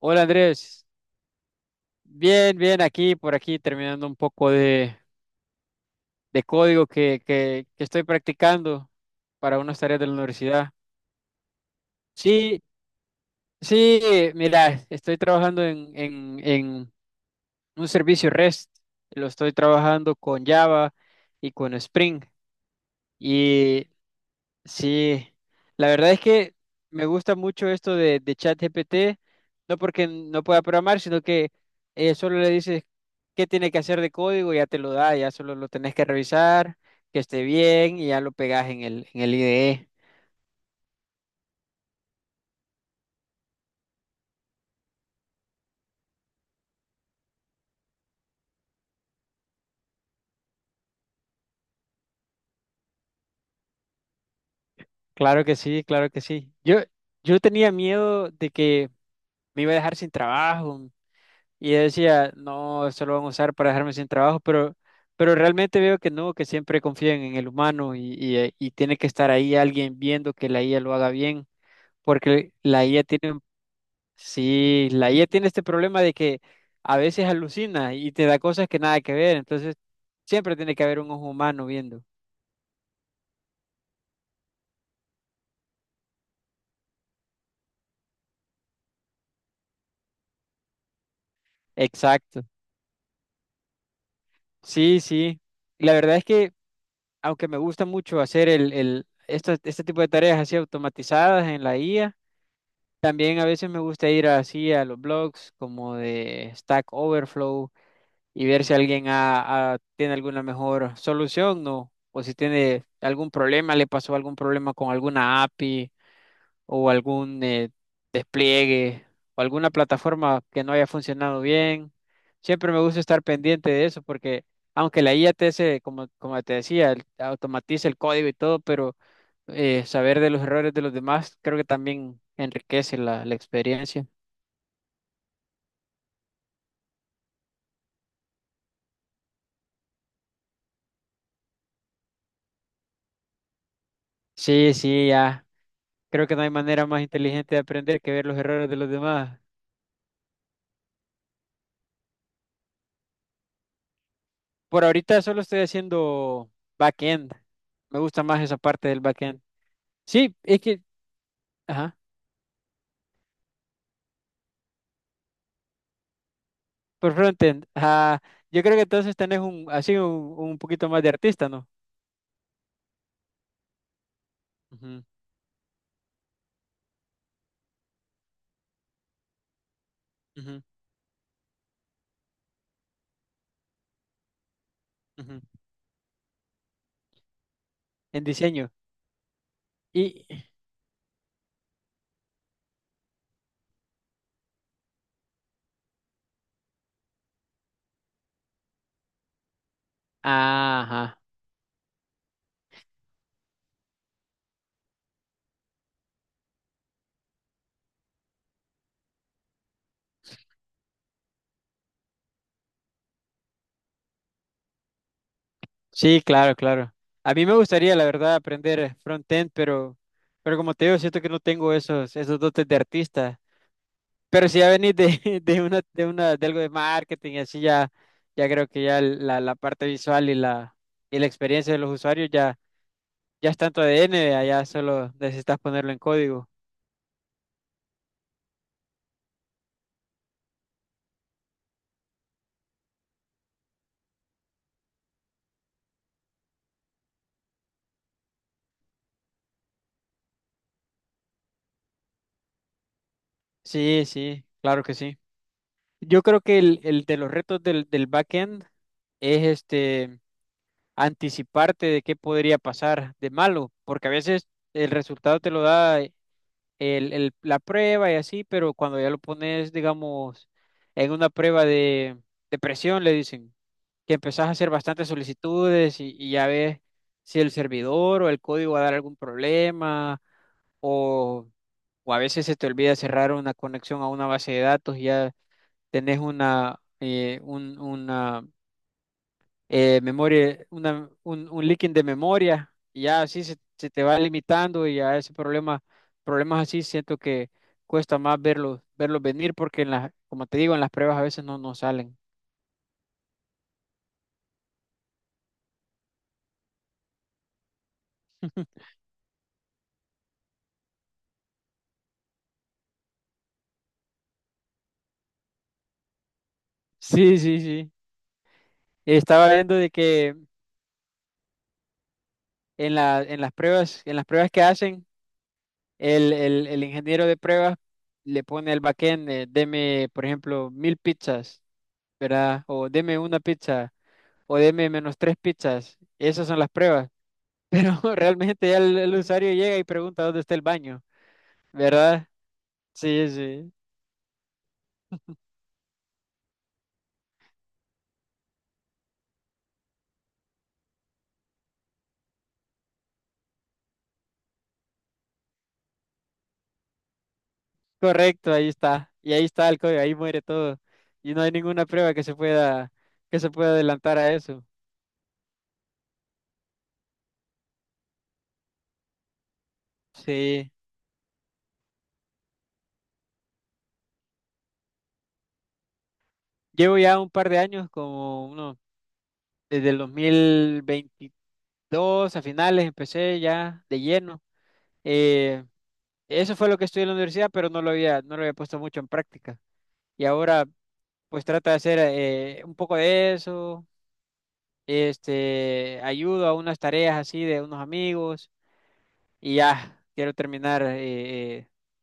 Hola Andrés, bien, bien aquí, por aquí, terminando un poco de código que estoy practicando para unas tareas de la universidad. Sí, sí, mira, estoy trabajando en un servicio REST, lo estoy trabajando con Java y con Spring. Y Sí, la verdad es que me gusta mucho esto de ChatGPT, no porque no pueda programar, sino que solo le dices qué tiene que hacer de código, y ya te lo da, ya solo lo tenés que revisar, que esté bien y ya lo pegas en el IDE. Claro que sí, claro que sí. Yo tenía miedo de que me iba a dejar sin trabajo. Y yo decía, no, esto lo van a usar para dejarme sin trabajo, pero realmente veo que no, que siempre confían en el humano y tiene que estar ahí alguien viendo que la IA lo haga bien, porque la IA tiene, sí, la IA tiene este problema de que a veces alucina y te da cosas que nada que ver, entonces siempre tiene que haber un ojo humano viendo. Exacto. Sí, sí. La verdad es que, aunque me gusta mucho hacer este tipo de tareas así automatizadas en la IA. También a veces me gusta ir así a los blogs como de Stack Overflow y ver si alguien tiene alguna mejor solución, ¿no? O si tiene algún problema, le pasó algún problema con alguna API o algún despliegue o alguna plataforma que no haya funcionado bien. Siempre me gusta estar pendiente de eso porque aunque la IA te hace, como te decía, automatiza el código y todo, pero saber de los errores de los demás creo que también enriquece la experiencia. Sí, sí, ya. Creo que no hay manera más inteligente de aprender que ver los errores de los demás. Por ahorita solo estoy haciendo backend. Me gusta más esa parte del backend. Sí, es que, ajá. Por frontend, ah, yo creo que entonces tenés así un poquito más de artista, ¿no? Ujú, ujú, ujú. En diseño. Y, ajá, sí, claro, claro. A mí me gustaría, la verdad, aprender frontend, pero como te digo, siento que no tengo esos dotes de artista. Pero si ya venís de algo de marketing y así ya creo que ya la parte visual y la experiencia de los usuarios ya, ya es tanto ADN, ya solo necesitas ponerlo en código. Sí, sí, claro que sí. Yo creo que el de los retos del backend es este anticiparte de qué podría pasar de malo, porque a veces el resultado te lo da la prueba y así, pero cuando ya lo pones, digamos, en una prueba de presión, le dicen que empezás a hacer bastantes solicitudes y ya ves si el servidor o el código va a dar algún problema o, o a veces se te olvida cerrar una conexión a una base de datos y ya tenés una memoria, un leaking de memoria, y ya así se te va limitando y a ese problema, problemas así siento que cuesta más verlos, venir porque en las, como te digo, en las pruebas a veces no salen. Sí, sí, sí. Estaba viendo de que en las pruebas que hacen, el ingeniero de pruebas le pone al backend, deme, por ejemplo, 1.000 pizzas, ¿verdad? O deme una pizza. O deme menos tres pizzas. Esas son las pruebas. Pero realmente ya el usuario llega y pregunta dónde está el baño, ¿verdad? Sí, sí. Correcto, ahí está. Y ahí está el código, ahí muere todo. Y no hay ninguna prueba que se pueda adelantar a eso. Sí. Llevo ya un par de años, como uno, desde el 2022 a finales empecé ya de lleno. Eh, eso fue lo que estudié en la universidad, pero no lo había puesto mucho en práctica. Y ahora pues trata de hacer un poco de eso, este, ayudo a unas tareas así de unos amigos y ya quiero terminar eh,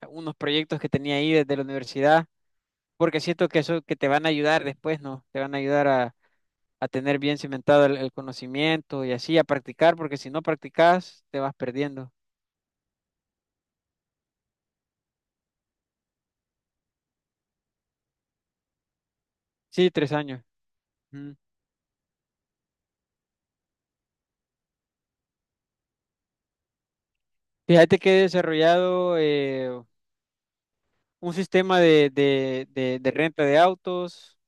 eh, unos proyectos que tenía ahí desde la universidad, porque siento que eso que te van a ayudar después, ¿no? Te van a ayudar a tener bien cimentado el conocimiento y así a practicar, porque si no practicas te vas perdiendo. Sí, 3 años. Ujú. Fíjate que he desarrollado un sistema de renta de autos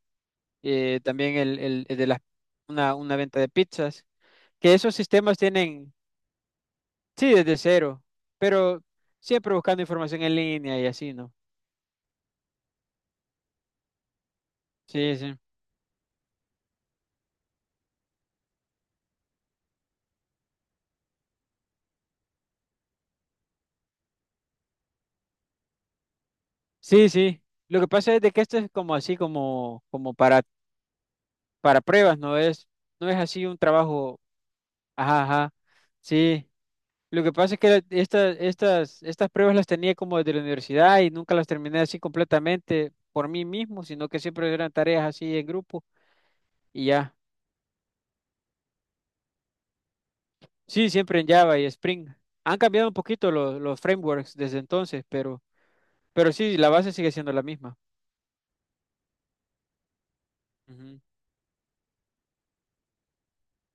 también una venta de pizzas, que esos sistemas tienen, sí, desde cero, pero siempre buscando información en línea y así, ¿no? Sí, sí. Sí, sí. Lo que pasa es de que esto es como así, como para pruebas, no es así un trabajo, ajá, ajá. Sí. Lo que pasa es que estas pruebas las tenía como desde la universidad y nunca las terminé así completamente por mí mismo, sino que siempre eran tareas así en grupo y ya. Sí, siempre en Java y Spring. Han cambiado un poquito los frameworks desde entonces, pero sí, la base sigue siendo la misma. Ujú.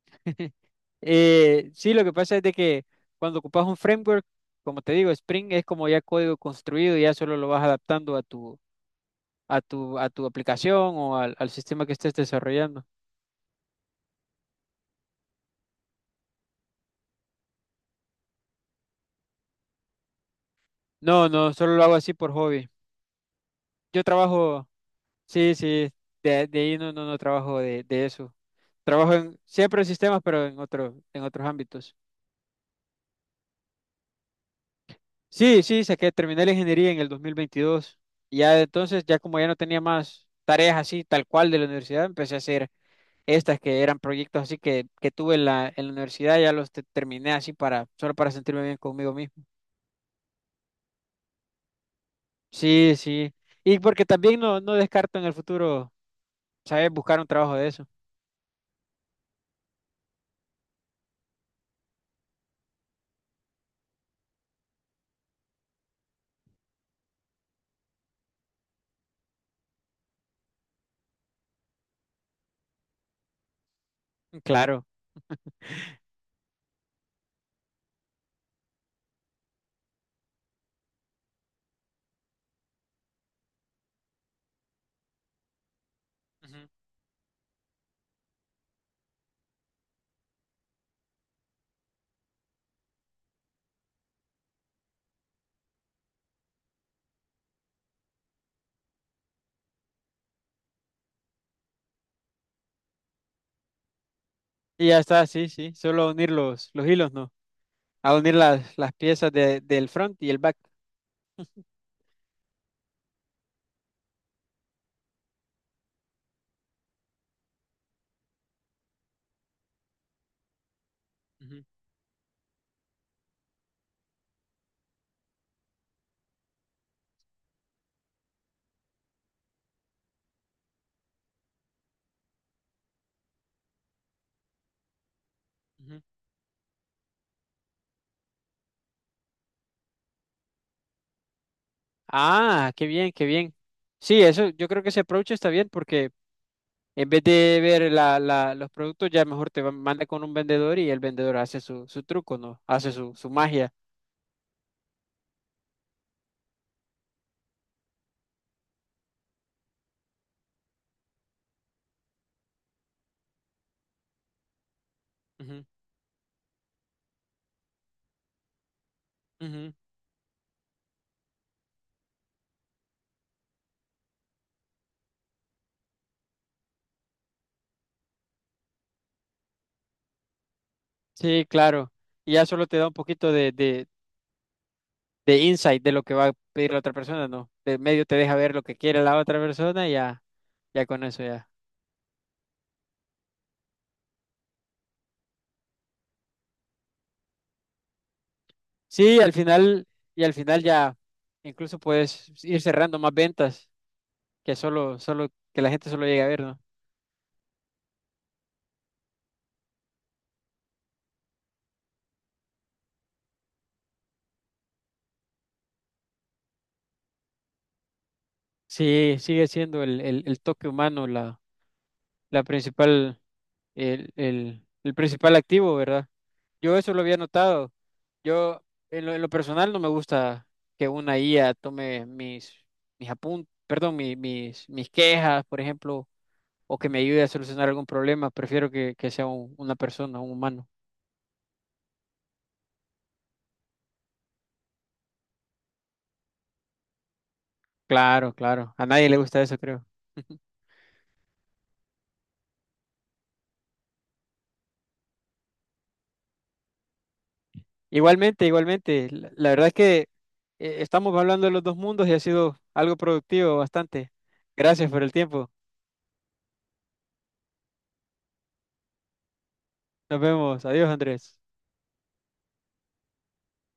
Sí, lo que pasa es de que cuando ocupas un framework, como te digo, Spring es como ya código construido, ya solo lo vas adaptando a tu aplicación o al sistema que estés desarrollando. No, no, solo lo hago así por hobby. Yo trabajo, sí, sí, de ahí no, no, no trabajo de eso. Trabajo siempre en sistemas, pero en otros ámbitos. Sí, sí, terminé la ingeniería en el 2022. Y ya de entonces, ya como ya no tenía más tareas así, tal cual de la universidad, empecé a hacer estas que eran proyectos así que tuve en la universidad, ya terminé así solo para sentirme bien conmigo mismo. Sí, sí. Y porque también no descarto en el futuro, ¿sabes? Buscar un trabajo de eso. Claro. Ujú. Y ya está, sí, sí. Solo unir los hilos, ¿no? A unir las piezas del front y el back. Ujú, ujú. Ah, qué bien, qué bien. Sí, eso, yo creo que ese approach está bien porque en vez de ver los productos, ya mejor manda con un vendedor y el vendedor hace su truco, ¿no? Hace su magia. Ujú, ujú. Sí, claro. Y ya solo te da un poquito de insight de lo que va a pedir la otra persona, ¿no? De medio te deja ver lo que quiere la otra persona y ya con eso ya. Sí, y al final ya incluso puedes ir cerrando más ventas que que la gente solo llegue a ver, ¿no? Sí, sigue siendo el toque humano la principal, el principal activo, ¿verdad? Yo eso lo había notado. Yo, en lo personal, no me gusta que una IA tome perdón, mis quejas, por ejemplo, o que me ayude a solucionar algún problema. Prefiero que sea una persona, un humano. Claro, claro. A nadie le gusta eso, creo. Igualmente, igualmente. La verdad es que estamos hablando de los dos mundos y ha sido algo productivo bastante. Gracias por el tiempo. Nos vemos. Adiós, Andrés.